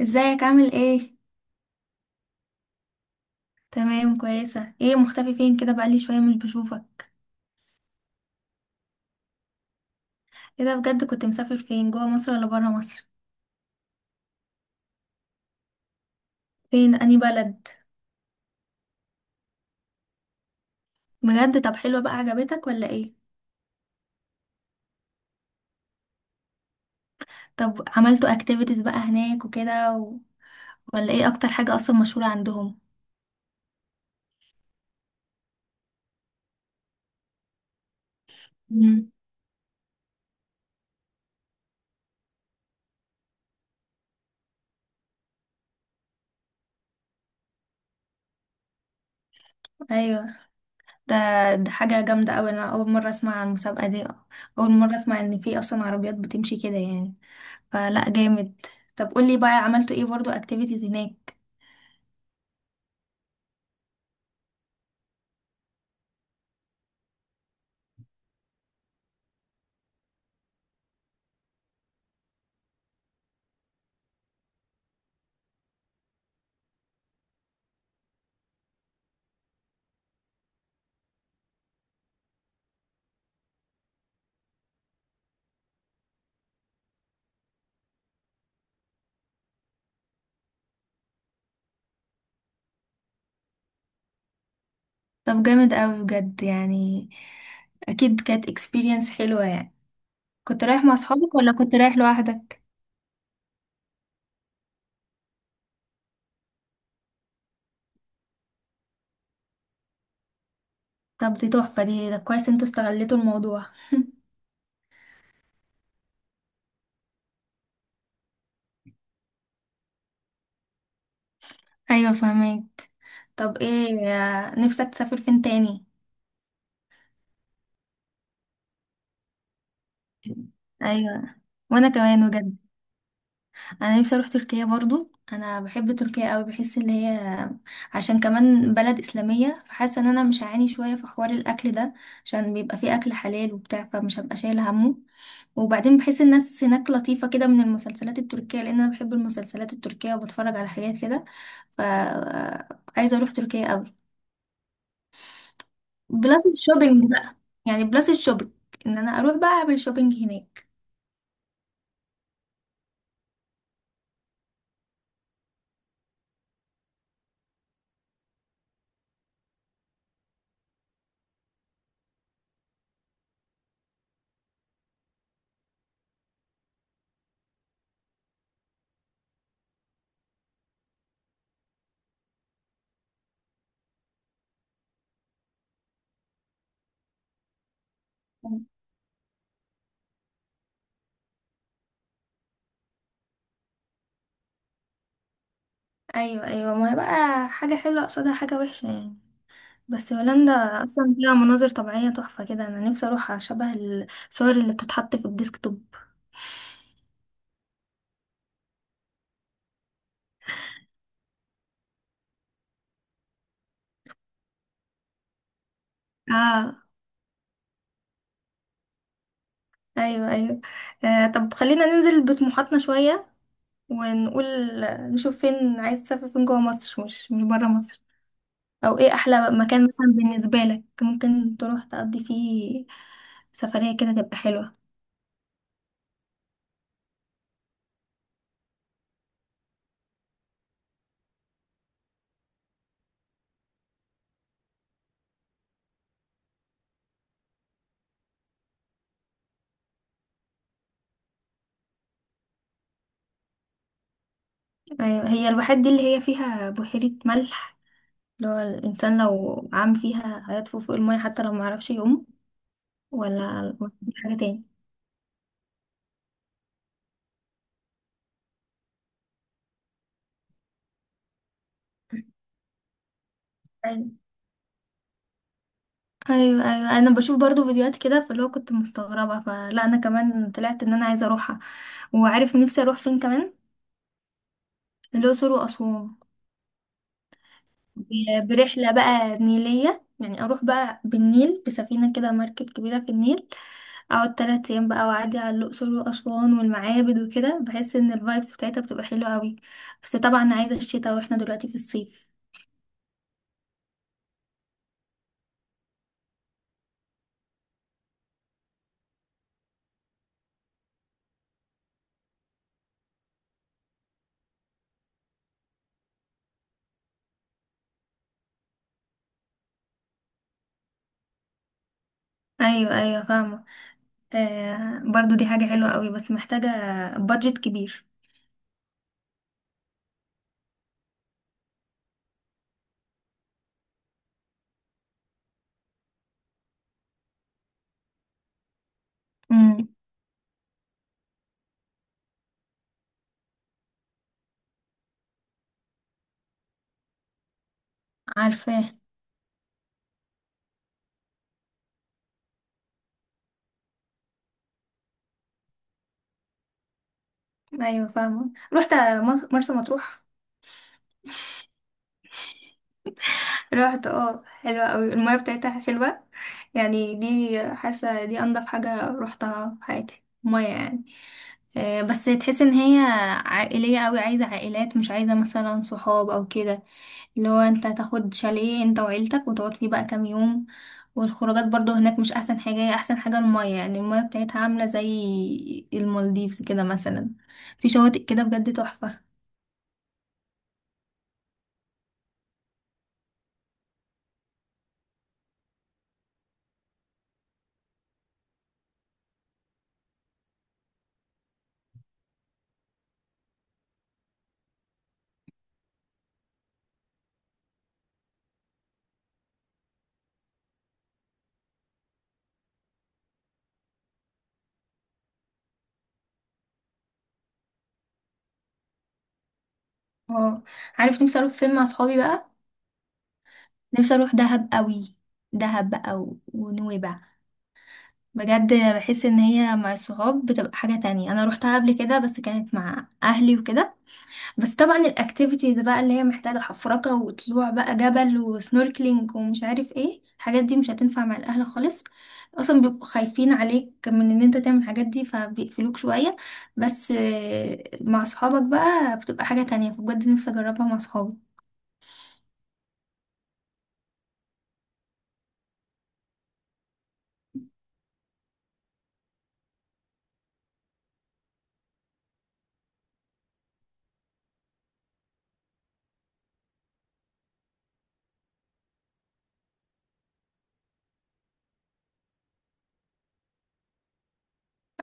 ازيك؟ عامل ايه؟ تمام، كويسه. ايه مختفي فين كده؟ بقالي شويه مش بشوفك. ايه ده؟ بجد كنت مسافر؟ فين، جوه مصر ولا بره مصر؟ فين اني بلد؟ بجد؟ طب حلوه بقى، عجبتك ولا ايه؟ طب عملتوا اكتيفيتيز بقى هناك وكده ولا ايه اكتر حاجه اصلا مشهوره عندهم؟ مم. ايوه. ده ده حاجه جامده قوي. انا اول مره اسمع عن المسابقه دي. اول مره اسمع ان في اصلا عربيات بتمشي كده يعني. فلا جامد. طب قولي بقى، عملتوا ايه برضو اكتيفيتيز هناك؟ طب جامد قوي بجد يعني. اكيد كانت اكسبيرينس حلوة يعني. كنت رايح مع اصحابك ولا كنت رايح لوحدك؟ طب دي تحفة، دي ده كويس انتوا استغلتوا الموضوع. ايوه فهمك. طب ايه، نفسك تسافر فين تاني؟ ايوه، وانا كمان بجد. انا نفسي اروح تركيا برضو، انا بحب تركيا قوي، بحس ان هي عشان كمان بلد اسلاميه، فحاسه ان انا مش هعاني شويه في حوار الاكل ده، عشان بيبقى فيه اكل حلال وبتاع، فمش هبقى شايله همه. وبعدين بحس الناس هناك لطيفة كده من المسلسلات التركية، لأن أنا بحب المسلسلات التركية وبتفرج على حاجات كده. ف، عايزة أروح تركيا قوي. بلس الشوبينج بقى، يعني بلس الشوبينج، إن أنا أروح بقى أعمل شوبينج هناك. أيوة، أيوة، ما هي بقى حاجة حلوة قصادها حاجة وحشة يعني، بس هولندا أصلا فيها مناظر طبيعية تحفة كده، أنا نفسي أروح شبه الصور اللي بتتحط في الديسكتوب. اه. أيوة، أيوة. آه، طب خلينا ننزل بطموحاتنا شوية ونقول، نشوف فين عايز تسافر، فين جوه مصر، مش بره مصر، او ايه احلى مكان مثلا بالنسبه لك ممكن تروح تقضي فيه سفريه كده تبقى حلوه؟ أيوة، هي الواحات دي اللي هي فيها بحيره ملح، اللي هو الانسان لو عام فيها هيطفو فوق الميه حتى لو معرفش يعوم؟ ولا دي حاجه تاني؟ ايوه، ايوه، أيوة. انا بشوف برضو فيديوهات كده فاللي هو كنت مستغربه، فلا انا كمان طلعت ان انا عايزه اروحها. وعارف نفسي اروح فين كمان؟ الاقصر واسوان، برحلة بقى نيلية، يعني أروح بقى بالنيل بسفينة كده، مركب كبيرة في النيل، أقعد 3 أيام بقى وأعدي على الأقصر وأسوان والمعابد وكده. بحس إن الفايبس بتاعتها بتبقى حلوة أوي، بس طبعا عايزة الشتاء وإحنا دلوقتي في الصيف. أيوة أيوة فاهمة. آه، برضو دي حاجة حلوة أوي، بس محتاجة بادجت كبير. امم. عارفاه. أيوة فاهمة، رحت مرسى مطروح. رحت، اه، حلوة قوي، المية بتاعتها حلوة يعني، دي حاسة دي انضف حاجة روحتها في حياتي مية يعني. بس تحس ان هي عائلية قوي، عايزة عائلات، مش عايزة مثلا صحاب او كده، اللي هو انت تاخد شاليه انت وعيلتك وتقعد فيه بقى كام يوم. والخروجات برضو هناك مش احسن حاجة، هي احسن حاجة المية يعني، المية بتاعتها عاملة زي المالديفز كده مثلا، في شواطئ كده بجد تحفة. اه. عارف نفسي اروح فين مع صحابي بقى؟ نفسي اروح دهب قوي. دهب بقى ونويبع، بجد بحس ان هي مع الصحاب بتبقى حاجة تانية. انا روحتها قبل كده بس كانت مع اهلي وكده، بس طبعا الاكتيفيتيز بقى اللي هي محتاجة حفركة وطلوع بقى جبل وسنوركلينج ومش عارف ايه الحاجات دي مش هتنفع مع الاهل خالص، اصلا بيبقوا خايفين عليك من ان انت تعمل الحاجات دي فبيقفلوك شوية. بس مع صحابك بقى بتبقى حاجة تانية، فبجد نفسي اجربها مع صحابي.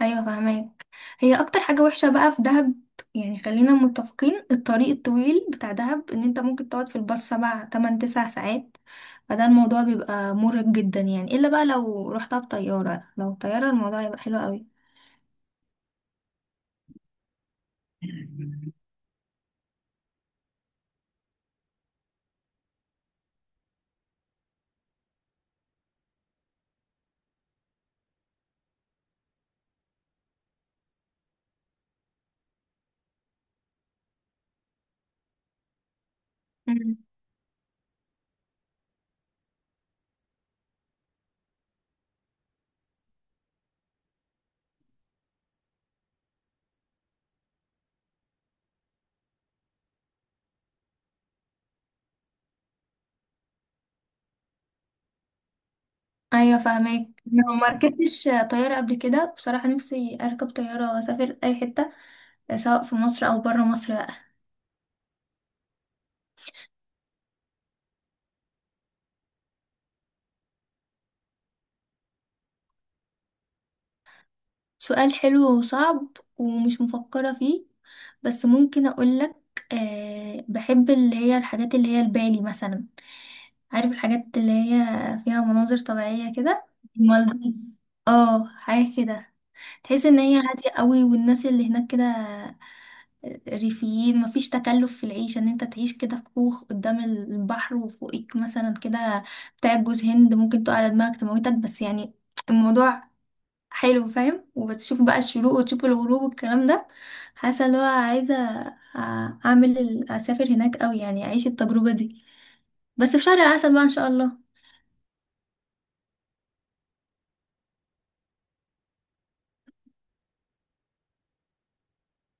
ايوه فهماك. هي اكتر حاجه وحشه بقى في دهب، يعني خلينا متفقين، الطريق الطويل بتاع دهب، ان انت ممكن تقعد في الباص 7 8 9 ساعات، فده الموضوع بيبقى مرهق جدا يعني، الا بقى لو رحتها بطياره، لو طياره الموضوع هيبقى حلو قوي. مم. ايوه فهماك. لو ما ركبتش طياره قبل كده بصراحه، نفسي اركب طياره واسافر اي حته سواء في مصر او بره مصر. سؤال حلو وصعب، ومش مفكرة فيه، بس ممكن أقولك. أه، بحب اللي هي الحاجات اللي هي البالي مثلا، عارف الحاجات اللي هي فيها مناظر طبيعية كده؟ المالديف، اه، حاجة كده تحس ان هي هادية قوي، والناس اللي هناك كده ريفيين، مفيش تكلف في العيشة، ان انت تعيش كده في كوخ قدام البحر، وفوقك مثلا كده بتاع جوز هند ممكن تقع على دماغك تموتك، بس يعني الموضوع حلو فاهم، وبتشوف بقى الشروق وتشوف الغروب والكلام ده. حاسه اللي هو عايزه اسافر هناك قوي يعني، اعيش التجربه دي بس في شهر العسل بقى ان شاء الله.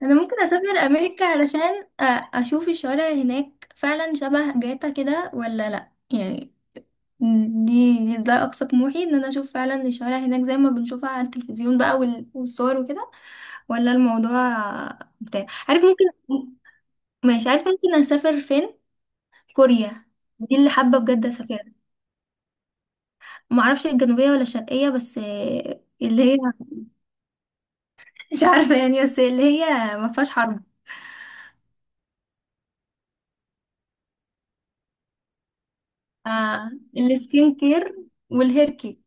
انا ممكن اسافر امريكا علشان اشوف الشوارع هناك فعلا شبه جاتا كده ولا لا يعني، ده اقصى طموحي، ان انا اشوف فعلا الشوارع هناك زي ما بنشوفها على التلفزيون بقى والصور وكده، ولا الموضوع بتاع، عارف؟ ممكن، مش عارف ممكن اسافر فين. كوريا، دي اللي حابة بجد اسافرها. ما اعرفش الجنوبية ولا الشرقية، بس اللي هي مش عارفة يعني، بس اللي هي ما فيهاش حرب. آه، السكين كير والهير كير.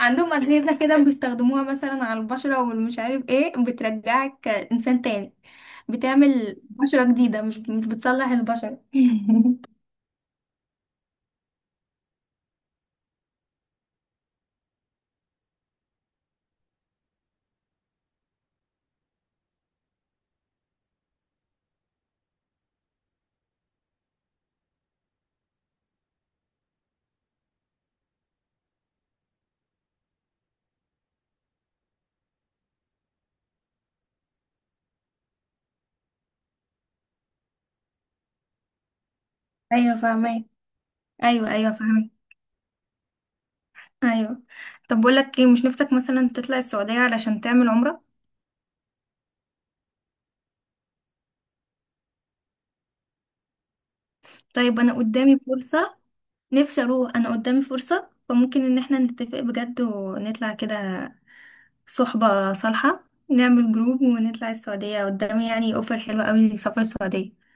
عندهم أجهزة كده بيستخدموها مثلا على البشرة والمش عارف ايه، بترجعك إنسان تاني، بتعمل بشرة جديدة، مش بتصلح البشرة أيوة فاهمة. أيوة أيوة فاهمة. أيوة. طب بقولك ايه، مش نفسك مثلا تطلع السعودية علشان تعمل عمرة؟ طيب، انا قدامي فرصة. نفسي اروح، انا قدامي فرصة، فممكن ان احنا نتفق بجد ونطلع كده صحبة صالحة، نعمل جروب ونطلع السعودية، قدامي يعني اوفر حلوة قوي لسفر السعودية.